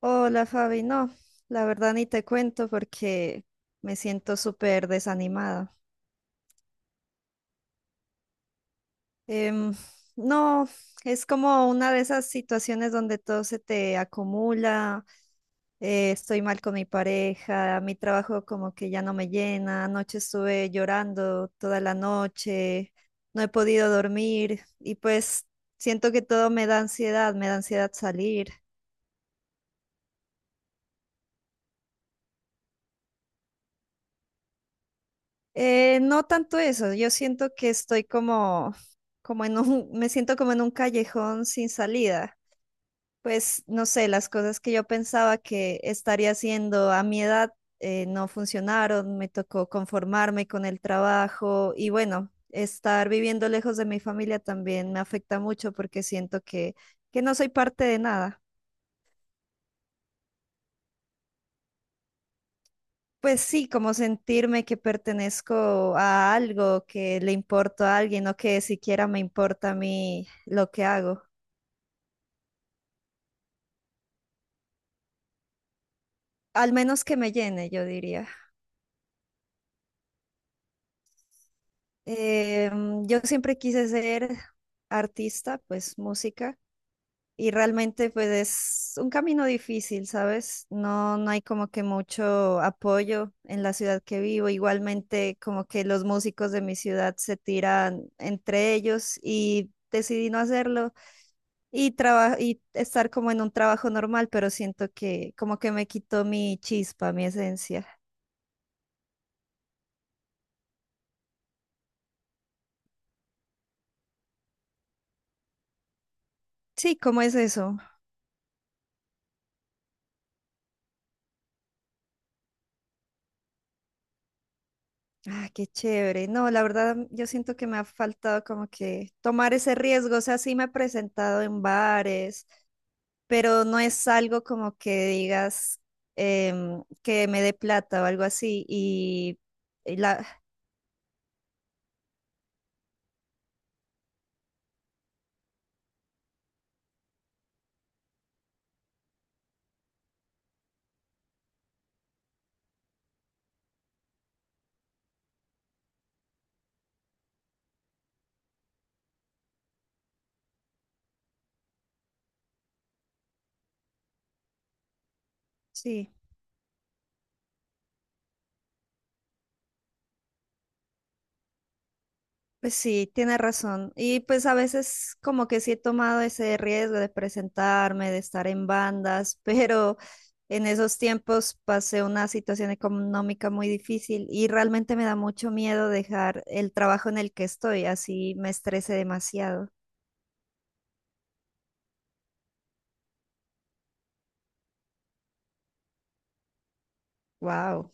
Hola Fabi, no, la verdad ni te cuento porque me siento súper desanimada. Em, no, es como una de esas situaciones donde todo se te acumula, estoy mal con mi pareja, mi trabajo como que ya no me llena, anoche estuve llorando toda la noche, no he podido dormir y pues siento que todo me da ansiedad salir. No tanto eso, yo siento que estoy como, me siento como en un callejón sin salida. Pues no sé, las cosas que yo pensaba que estaría haciendo a mi edad no funcionaron, me tocó conformarme con el trabajo y bueno, estar viviendo lejos de mi familia también me afecta mucho porque siento que no soy parte de nada. Pues sí, como sentirme que pertenezco a algo, que le importo a alguien o que siquiera me importa a mí lo que hago. Al menos que me llene, yo diría. Yo siempre quise ser artista, pues música, y realmente pues es un camino difícil, ¿sabes? No hay como que mucho apoyo en la ciudad que vivo. Igualmente como que los músicos de mi ciudad se tiran entre ellos y decidí no hacerlo y, y estar como en un trabajo normal, pero siento que como que me quitó mi chispa, mi esencia. Sí, ¿cómo es eso? Ah, qué chévere. No, la verdad, yo siento que me ha faltado como que tomar ese riesgo. O sea, sí me he presentado en bares, pero no es algo como que digas que me dé plata o algo así. Y la, sí. Pues sí, tiene razón. Y pues a veces como que sí he tomado ese riesgo de presentarme, de estar en bandas, pero en esos tiempos pasé una situación económica muy difícil y realmente me da mucho miedo dejar el trabajo en el que estoy, así me estresé demasiado. Wow.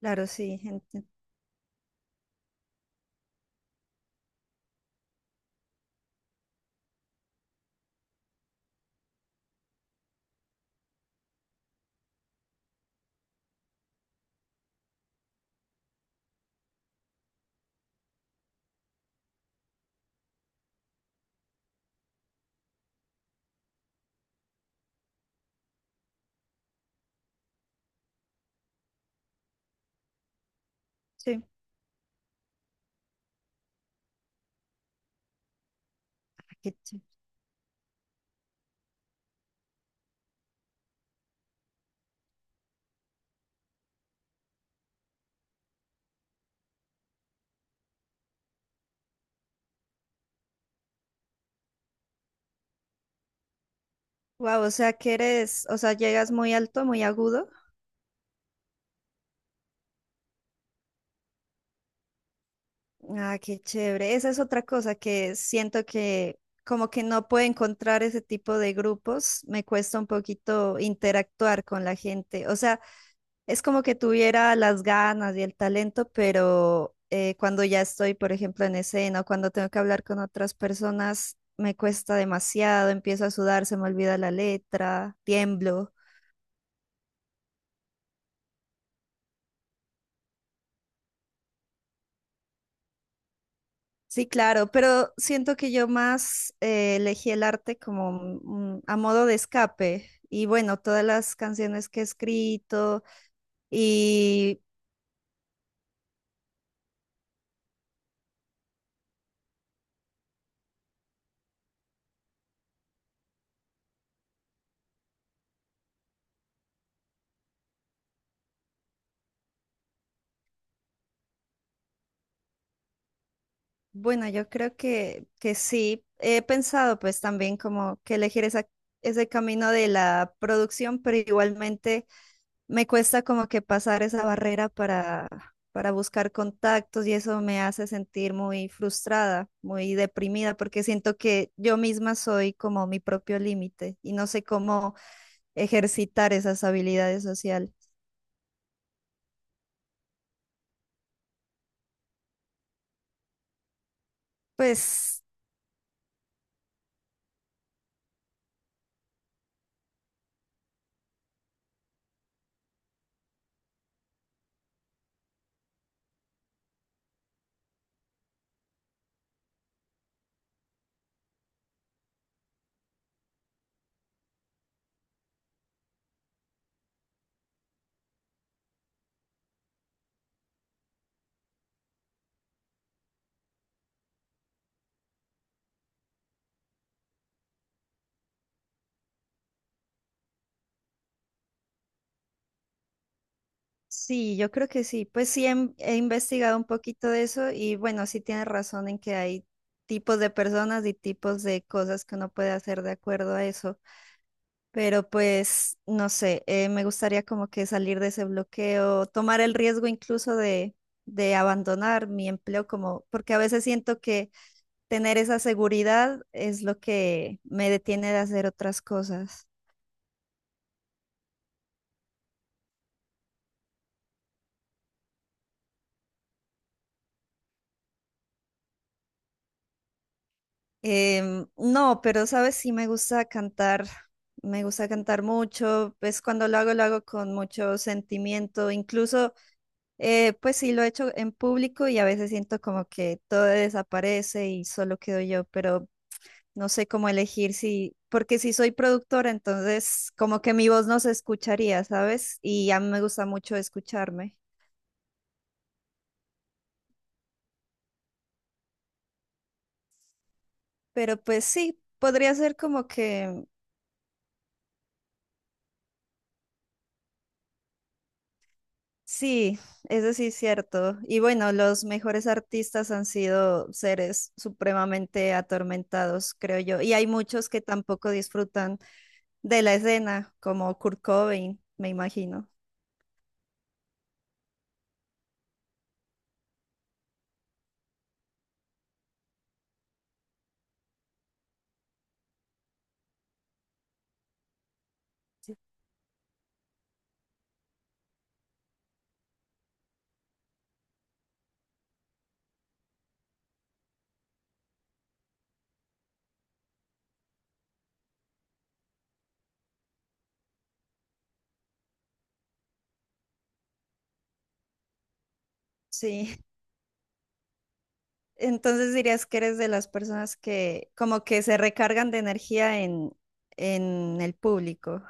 Claro, sí, gente. Sí. Wow, o sea que eres, o sea, llegas muy alto, muy agudo. Ah, qué chévere. Esa es otra cosa que siento que como que no puedo encontrar ese tipo de grupos. Me cuesta un poquito interactuar con la gente. O sea, es como que tuviera las ganas y el talento, pero cuando ya estoy, por ejemplo, en escena o cuando tengo que hablar con otras personas, me cuesta demasiado. Empiezo a sudar, se me olvida la letra, tiemblo. Sí, claro, pero siento que yo más elegí el arte como a modo de escape. Y bueno, todas las canciones que he escrito. Bueno, yo creo que sí. He pensado pues también como que elegir esa, ese camino de la producción, pero igualmente me cuesta como que pasar esa barrera para buscar contactos y eso me hace sentir muy frustrada, muy deprimida, porque siento que yo misma soy como mi propio límite y no sé cómo ejercitar esas habilidades sociales. Pues sí, yo creo que sí. Pues sí, he investigado un poquito de eso y bueno, sí tienes razón en que hay tipos de personas y tipos de cosas que uno puede hacer de acuerdo a eso. Pero pues, no sé, me gustaría como que salir de ese bloqueo, tomar el riesgo incluso de abandonar mi empleo, como, porque a veces siento que tener esa seguridad es lo que me detiene de hacer otras cosas. No, pero sabes, sí me gusta cantar mucho, pues cuando lo hago con mucho sentimiento, incluso, pues sí lo he hecho en público y a veces siento como que todo desaparece y solo quedo yo, pero no sé cómo elegir si, porque si soy productora, entonces como que mi voz no se escucharía, ¿sabes? Y a mí me gusta mucho escucharme, pero pues sí, podría ser como que... Sí, eso sí es cierto. Y bueno, los mejores artistas han sido seres supremamente atormentados, creo yo. Y hay muchos que tampoco disfrutan de la escena, como Kurt Cobain, me imagino. Sí. Entonces dirías que eres de las personas que como que se recargan de energía en el público.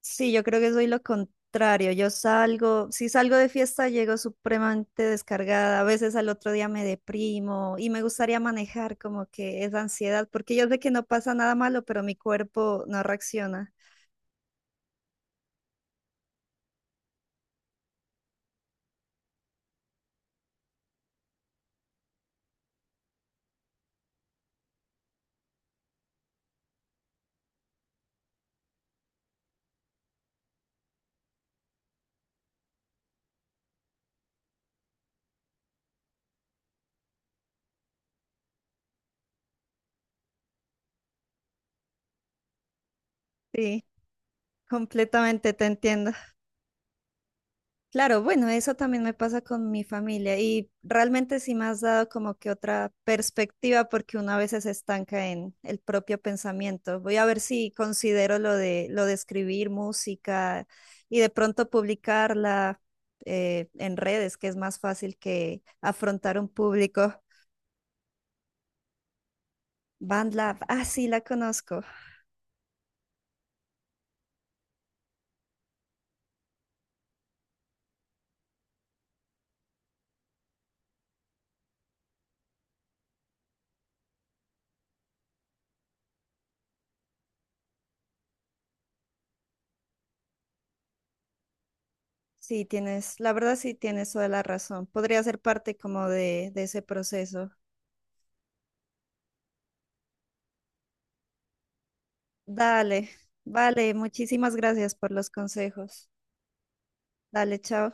Sí, yo creo que soy lo contrario. Yo salgo, si salgo de fiesta, llego supremamente descargada. A veces al otro día me deprimo y me gustaría manejar como que esa ansiedad, porque yo sé que no pasa nada malo, pero mi cuerpo no reacciona. Sí, completamente te entiendo. Claro, bueno, eso también me pasa con mi familia y realmente sí me has dado como que otra perspectiva porque uno a veces se estanca en el propio pensamiento. Voy a ver si considero lo de escribir música y de pronto publicarla en redes, que es más fácil que afrontar un público. BandLab, ah, sí, la conozco. Sí, tienes, la verdad sí tienes toda la razón. Podría ser parte como de ese proceso. Dale, vale, muchísimas gracias por los consejos. Dale, chao.